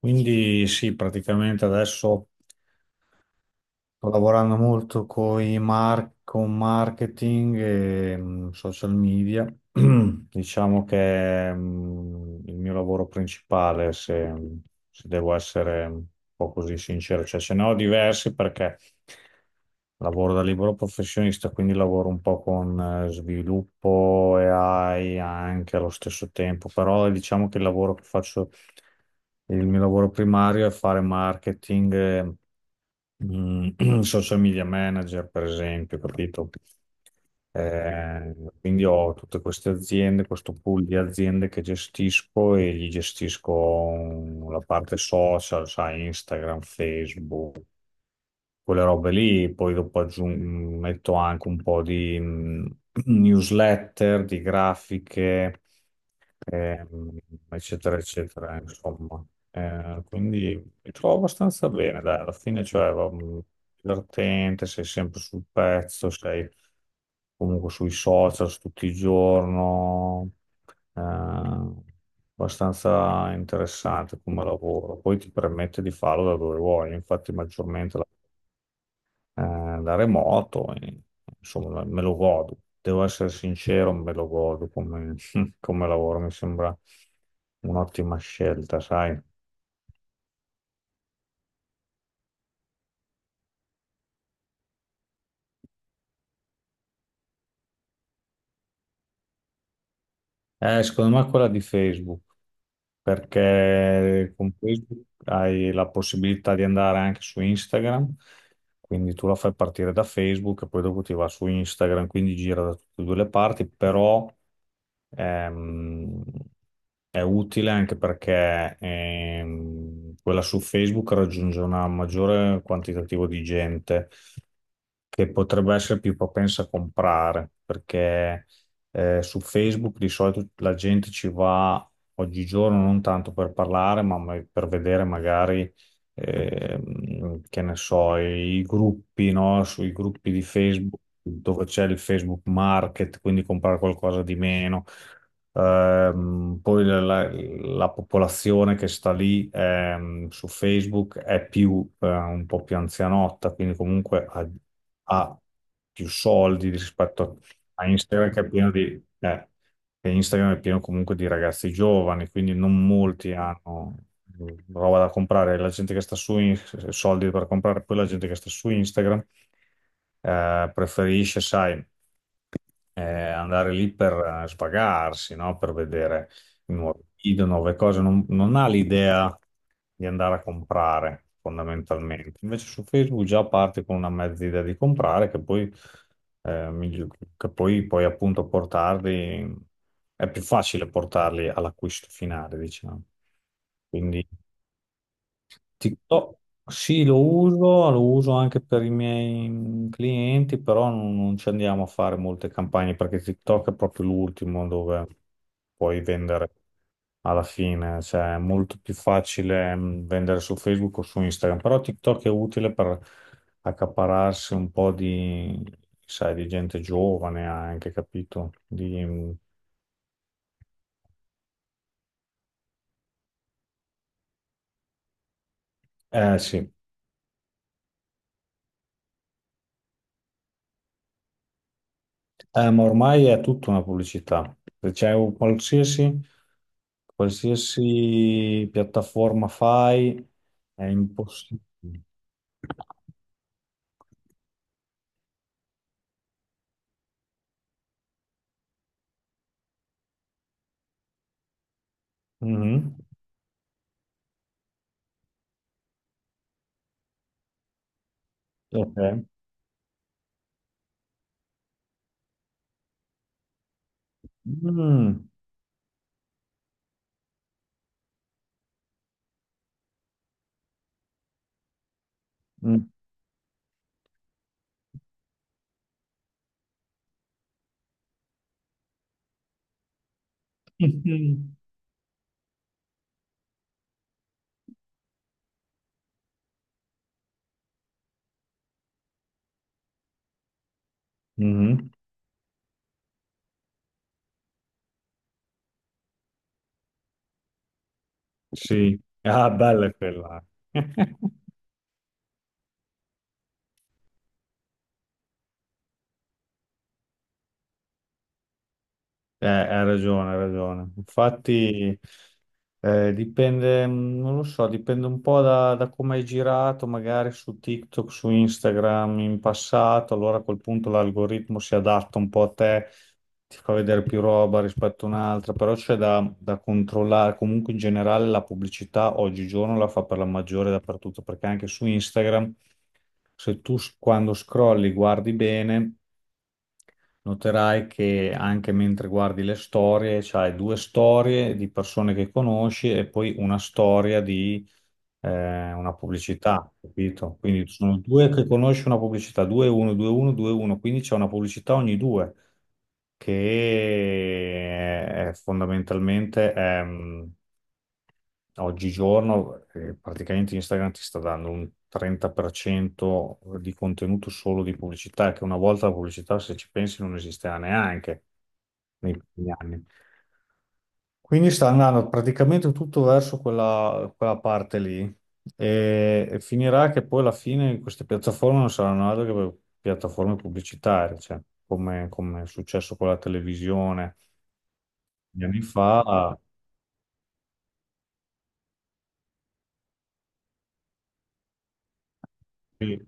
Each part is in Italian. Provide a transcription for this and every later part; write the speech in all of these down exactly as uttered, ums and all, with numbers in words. Quindi sì, praticamente adesso. Sto lavorando molto coi mar- con marketing e mh, social media. Diciamo che è mh, il mio lavoro principale, se, se devo essere un po' così sincero. Cioè, ce ne ho diversi perché lavoro da libero professionista, quindi lavoro un po' con eh, sviluppo e A I anche allo stesso tempo, però diciamo che il lavoro che faccio, il mio lavoro primario è fare marketing. Eh, mm, social media manager, per esempio, capito? Eh, quindi ho tutte queste aziende, questo pool di aziende che gestisco e gli gestisco mm, la parte social, sai, Instagram, Facebook, quelle robe lì. Poi dopo aggiung- metto anche un po' di mm, newsletter, di grafiche ehm, eccetera, eccetera, insomma. Eh, quindi mi trovo abbastanza bene, dai, alla fine, cioè, va- mh, divertente, sei sempre sul pezzo, sei comunque sui social tutto il giorno, eh, abbastanza interessante come lavoro. Poi ti permette di farlo da dove vuoi, infatti maggiormente eh, da remoto, e, insomma, me lo godo. Devo essere sincero, me lo godo come, come lavoro, mi sembra un'ottima scelta, sai? Eh, secondo me quella di Facebook. Perché con questo hai la possibilità di andare anche su Instagram, quindi tu la fai partire da Facebook e poi dopo ti va su Instagram, quindi gira da tutte e due le parti, però ehm, è utile anche perché ehm, quella su Facebook raggiunge una maggiore quantitativo di gente che potrebbe essere più propensa a comprare, perché eh, su Facebook di solito la gente ci va oggigiorno non tanto per parlare, ma ma per vedere magari ehm, che ne so, i gruppi, no? Sui gruppi di Facebook dove c'è il Facebook Market, quindi comprare qualcosa di meno. Ehm, poi la, la- la popolazione che sta lì ehm, su Facebook è più eh, un po' più anzianotta, quindi comunque ha, ha più soldi rispetto a a Instagram che è pieno di, eh, che Instagram è pieno comunque di ragazzi giovani, quindi non molti hanno mm, roba da comprare. La gente che sta su in- soldi per comprare, poi la gente che sta su Instagram eh, preferisce, sai eh, andare lì per eh, spagarsi, no? Per vedere nuovi video, nuove cose, non, non ha l'idea di andare a comprare fondamentalmente. Invece su Facebook già parti con una mezza idea di comprare che poi, eh, migli- che poi puoi appunto portarli, è più facile portarli all'acquisto finale, diciamo. Quindi TikTok, sì, lo uso, lo uso anche per i miei mm, clienti, però non, non ci andiamo a fare molte campagne perché TikTok è proprio l'ultimo dove puoi vendere alla fine, cioè è molto più facile mm, vendere su Facebook o su Instagram, però TikTok è utile per accapararsi un po' di, sai, di gente giovane anche, capito? Di, mm, eh sì. Eh, ma ormai è tutta una pubblicità. Se c'è un qualsiasi, qualsiasi piattaforma fai, è impossibile. Mhm. Ok. Mm. Mm. Mhm. Sì. Ah, bella è quella. Eh, hai ragione, hai ragione. Infatti, eh, dipende, mm, non lo so, dipende un po' da, da come hai girato, magari su TikTok, su Instagram in passato, allora a quel punto l'algoritmo si adatta un po' a te, ti fa vedere più roba rispetto a un'altra, però c'è da, da controllare. Comunque in generale la pubblicità oggigiorno la fa per la maggiore dappertutto, perché anche su Instagram, se tu s- quando scrolli guardi bene. Noterai che anche mentre guardi le storie, c'hai due storie di persone che conosci e poi una storia di eh, una pubblicità, capito? Quindi ci sono due che conosci una pubblicità, due a uno, due a uno, due a uno, quindi c'è una pubblicità ogni due, che è fondamentalmente ehm, oggigiorno eh, praticamente Instagram ti sta dando un trenta per cento di contenuto solo di pubblicità, che una volta la pubblicità, se ci pensi, non esisteva neanche nei primi anni. Quindi sta andando praticamente tutto verso quella, quella parte lì e, e finirà che poi alla fine queste piattaforme non saranno altro che piattaforme pubblicitarie, cioè, come, come è successo con la televisione gli anni fa. Sì,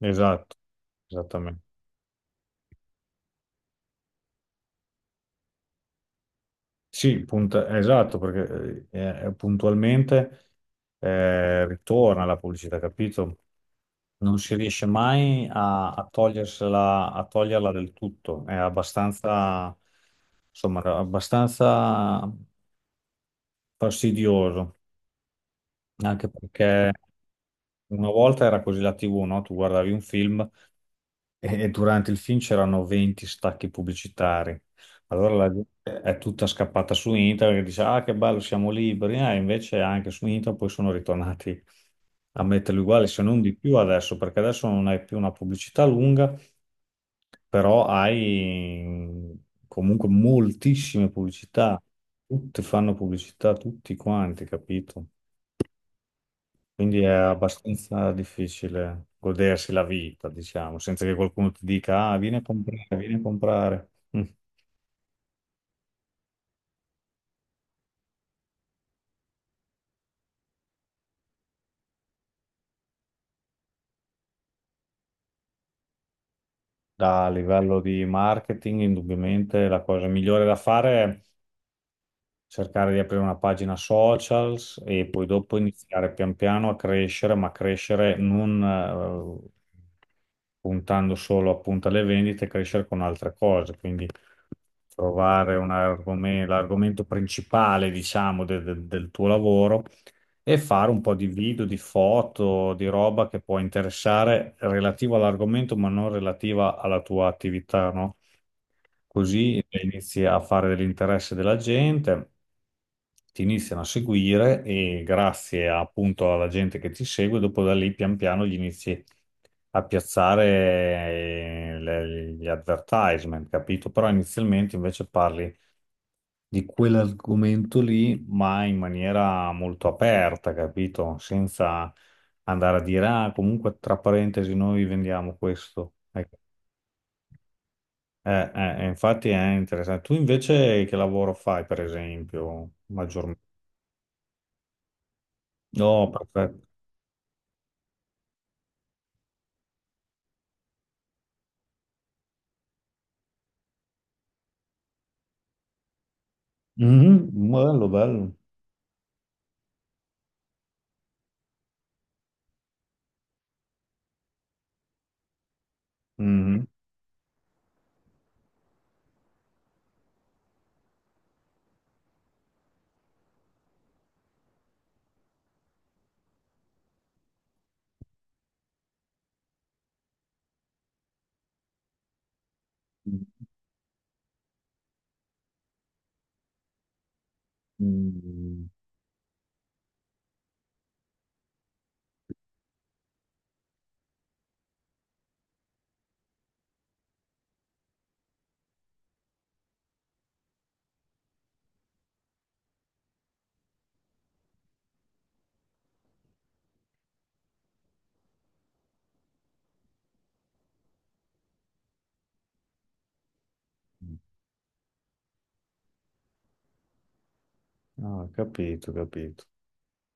esatto, esattamente. Sì, punt- esatto, perché eh, eh, puntualmente eh, ritorna la pubblicità, capito? Non si riesce mai a, a togliersela, a toglierla del tutto, è abbastanza, insomma, era abbastanza fastidioso, anche perché una volta era così la tivù, no? Tu guardavi un film e durante il film c'erano venti stacchi pubblicitari. Allora la gente è tutta scappata su internet e dice: Ah, che bello, siamo liberi. Eh, invece anche su internet poi sono ritornati a metterli uguali, se non di più adesso, perché adesso non hai più una pubblicità lunga, però hai mm, comunque moltissime pubblicità. Tutti fanno pubblicità, tutti quanti, capito? Quindi è abbastanza difficile godersi la vita, diciamo, senza che qualcuno ti dica, ah, vieni a comprare, vieni a comprare. Mm. Da livello di marketing, indubbiamente la cosa migliore da fare cercare di aprire una pagina socials e poi dopo, mm, iniziare pian piano a crescere, ma crescere non eh, puntando solo appunto alle vendite, crescere con altre cose, quindi trovare un argome- l'argomento principale, diciamo, de- de- del tuo lavoro e fare un po' di video, di foto, di roba che può interessare relativo all'argomento, ma non relativa alla tua attività, no? Così inizi a fare dell'interesse della gente, ti iniziano a seguire e grazie appunto alla gente che ti segue, dopo da lì pian piano gli inizi a piazzare eh, le- gli advertisement, capito? Però inizialmente invece parli di quell'argomento lì, ma in maniera molto aperta, capito? Senza andare a dire, ah, comunque tra parentesi noi vendiamo questo. Ecco. Eh, eh, eh, infatti è interessante. Tu invece che lavoro fai, per esempio, maggiormente? No, perfetto. Mhm, bello, bello. Mhm. Mm, mm. Ah, capito, capito.